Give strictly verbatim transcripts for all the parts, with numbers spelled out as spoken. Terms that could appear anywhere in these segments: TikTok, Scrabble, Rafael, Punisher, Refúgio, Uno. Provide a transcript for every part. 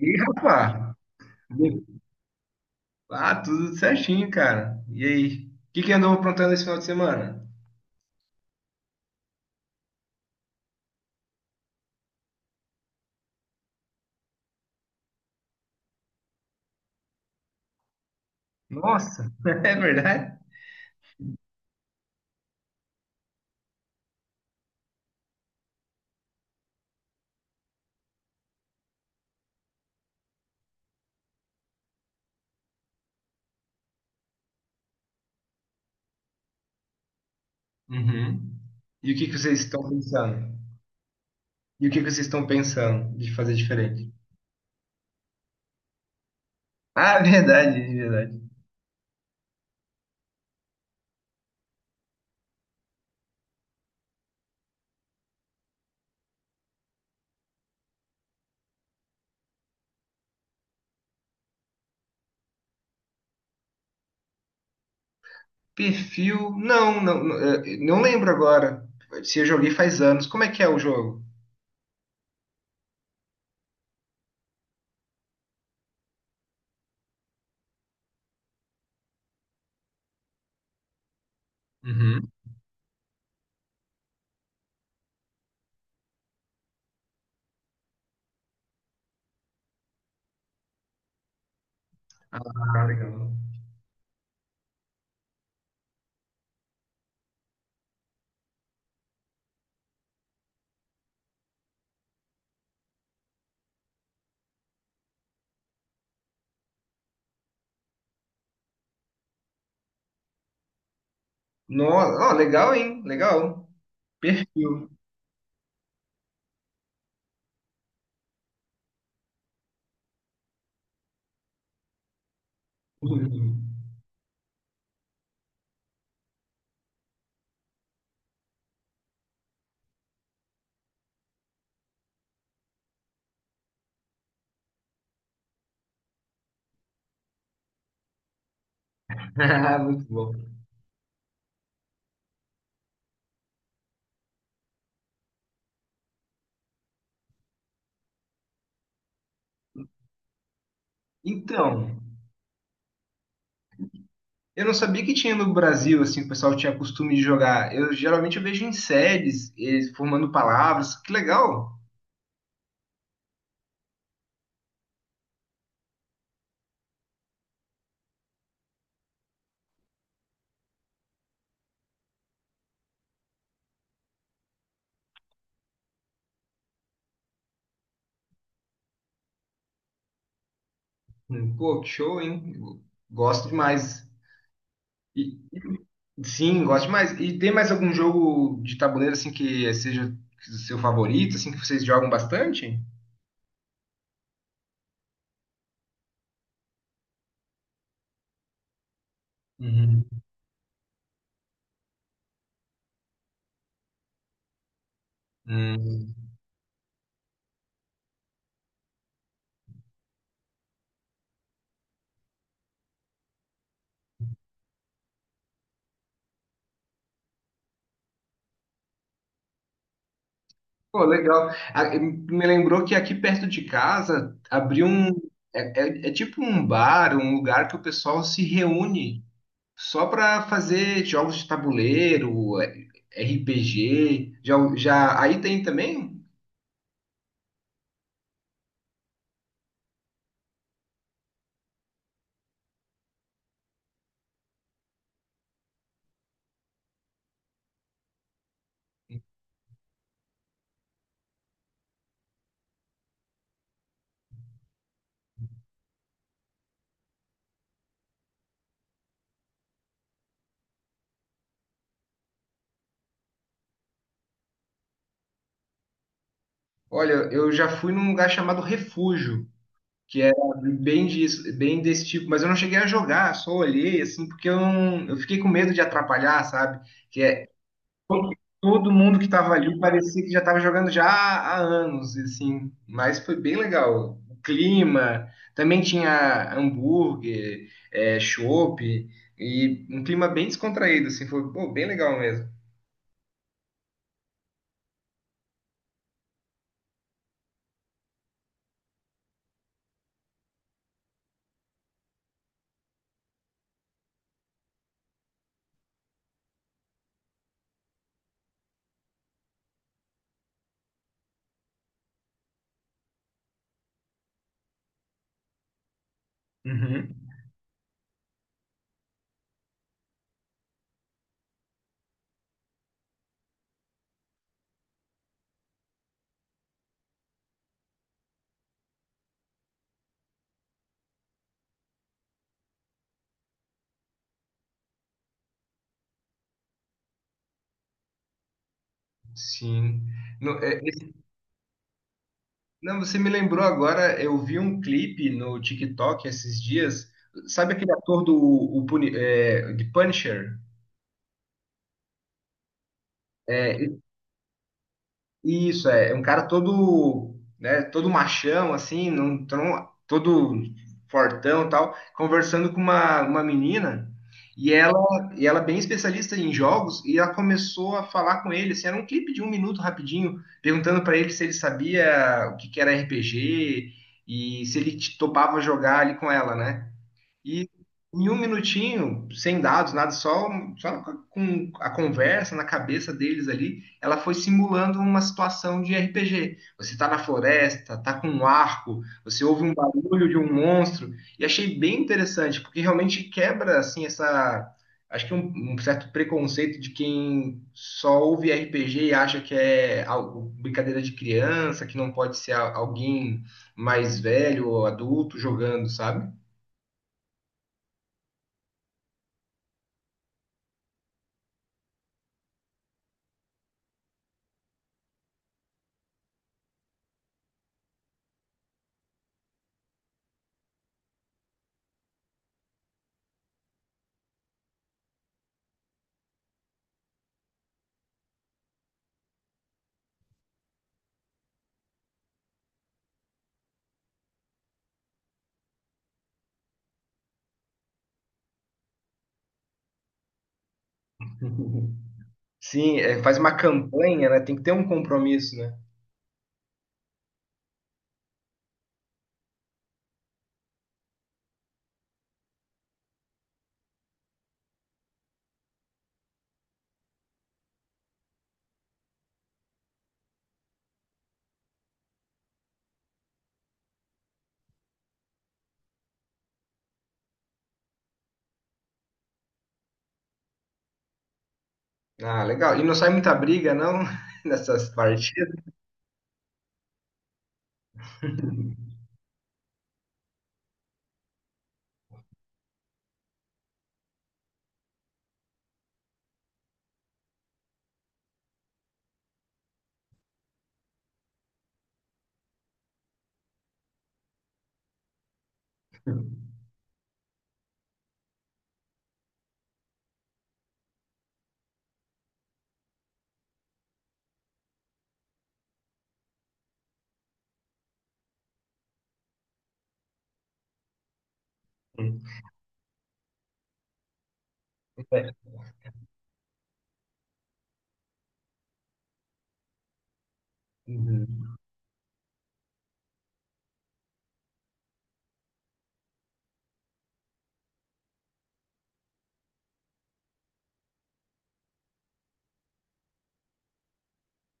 E rapaz, ah, tudo certinho, cara. E aí? O que que andou aprontando esse final de semana? Nossa, é verdade? Uhum. E o que que vocês estão pensando? E o que que vocês estão pensando de fazer diferente? Ah, verdade, verdade. Perfil? Não, não, não, eh, não lembro agora. Se eu joguei faz anos. Como é que é o jogo? Uhum. Ah, legal. No, ó, legal, hein? Legal. Perfil. Ah, muito bom. Então, eu não sabia que tinha no Brasil, assim, o pessoal tinha costume de jogar. Eu geralmente eu vejo em séries, eles formando palavras. Que legal! Hum, Pô, que show, hein? Gosto demais. E- e- sim, gosto demais. E tem mais algum jogo de tabuleiro, assim, que seja seu favorito, assim, que vocês jogam bastante? Uhum. Hum. Pô, legal. A- Me lembrou que aqui perto de casa abriu um. É, é- é tipo um bar, um lugar que o pessoal se reúne só para fazer jogos de tabuleiro, R P G, já, já aí tem também. Olha, eu já fui num lugar chamado Refúgio, que era bem disso, bem desse tipo, mas eu não cheguei a jogar, só olhei assim, porque eu, não- eu fiquei com medo de atrapalhar, sabe? Que é todo mundo que estava ali parecia que já estava jogando já há há anos, e assim, mas foi bem legal. O clima, também tinha hambúrguer, é, chopp, e um clima bem descontraído, assim, foi pô, bem legal mesmo. Uhum, sim. No- é, esse- não, você me lembrou agora, eu vi um clipe no TikTok esses dias, sabe aquele ator do o Puni- é, de Punisher? Isso, é, é um cara todo, né, todo machão, assim, não, tu não- todo fortão e tal, conversando com uma, uma menina, e ela, e ela é bem especialista em jogos, e ela começou a falar com ele, assim, era um clipe de um minuto rapidinho, perguntando para ele se ele sabia o que que era R P G, e se ele te- topava jogar ali com ela, né? E em um minutinho, sem dados, nada, só, só com a conversa na cabeça deles ali, ela foi simulando uma situação de R P G. Você tá na floresta, tá com um arco, você ouve um barulho de um monstro, e achei bem interessante, porque realmente quebra, assim, essa... Acho que um, um certo preconceito de quem só ouve R P G e acha que é algo- brincadeira de criança, que não pode ser a- alguém mais velho ou adulto jogando, sabe? Sim, é, faz uma campanha, né? Tem que ter um compromisso, né? Ah, legal. E não sai muita briga, não, nessas partidas? Hum. É. Uhum.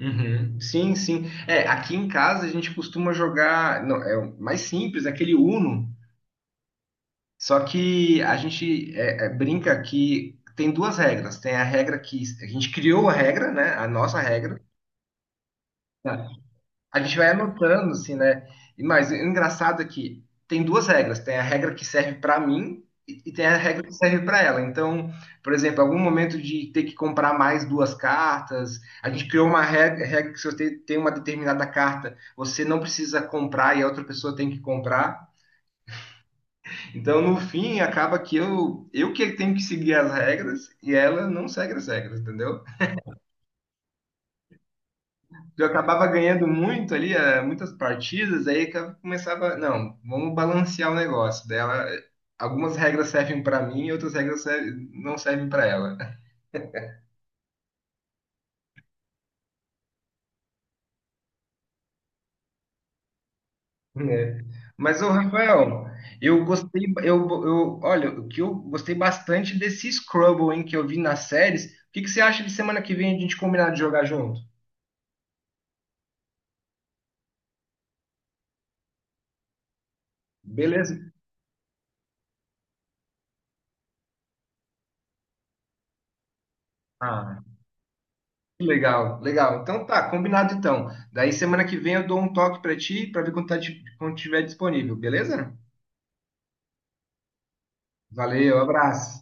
Uhum. Sim, sim. É, aqui em casa a gente costuma jogar, não, é o mais simples, aquele Uno. Só que a gente é, é, brinca que tem duas regras. Tem a regra que a gente criou a regra, né? A nossa regra. A gente vai anotando, assim, né? E mais, o engraçado é que tem duas regras. Tem a regra que serve para mim e e tem a regra que serve para ela. Então, por exemplo, algum momento de ter que comprar mais duas cartas, a gente criou uma regra, regra que se você tem uma determinada carta, você não precisa comprar e a outra pessoa tem que comprar. Então, no fim, acaba que eu, eu que tenho que seguir as regras e ela não segue as regras, entendeu? Eu acabava ganhando muito ali, eh, muitas partidas, aí que eu começava, não, vamos balancear o negócio dela. Algumas regras servem para mim, outras regras servem- não servem para ela. É. Mas o Rafael, eu gostei, eu, eu, olha, o que eu gostei bastante desse Scrabble, hein, que eu vi nas séries. O que que você acha de semana que vem a gente combinar de jogar junto? Beleza? Ah, que legal, legal. Então tá, combinado então. Daí semana que vem eu dou um toque pra ti, pra ver quando, tá, di- quando tiver disponível, beleza? Valeu, abraço.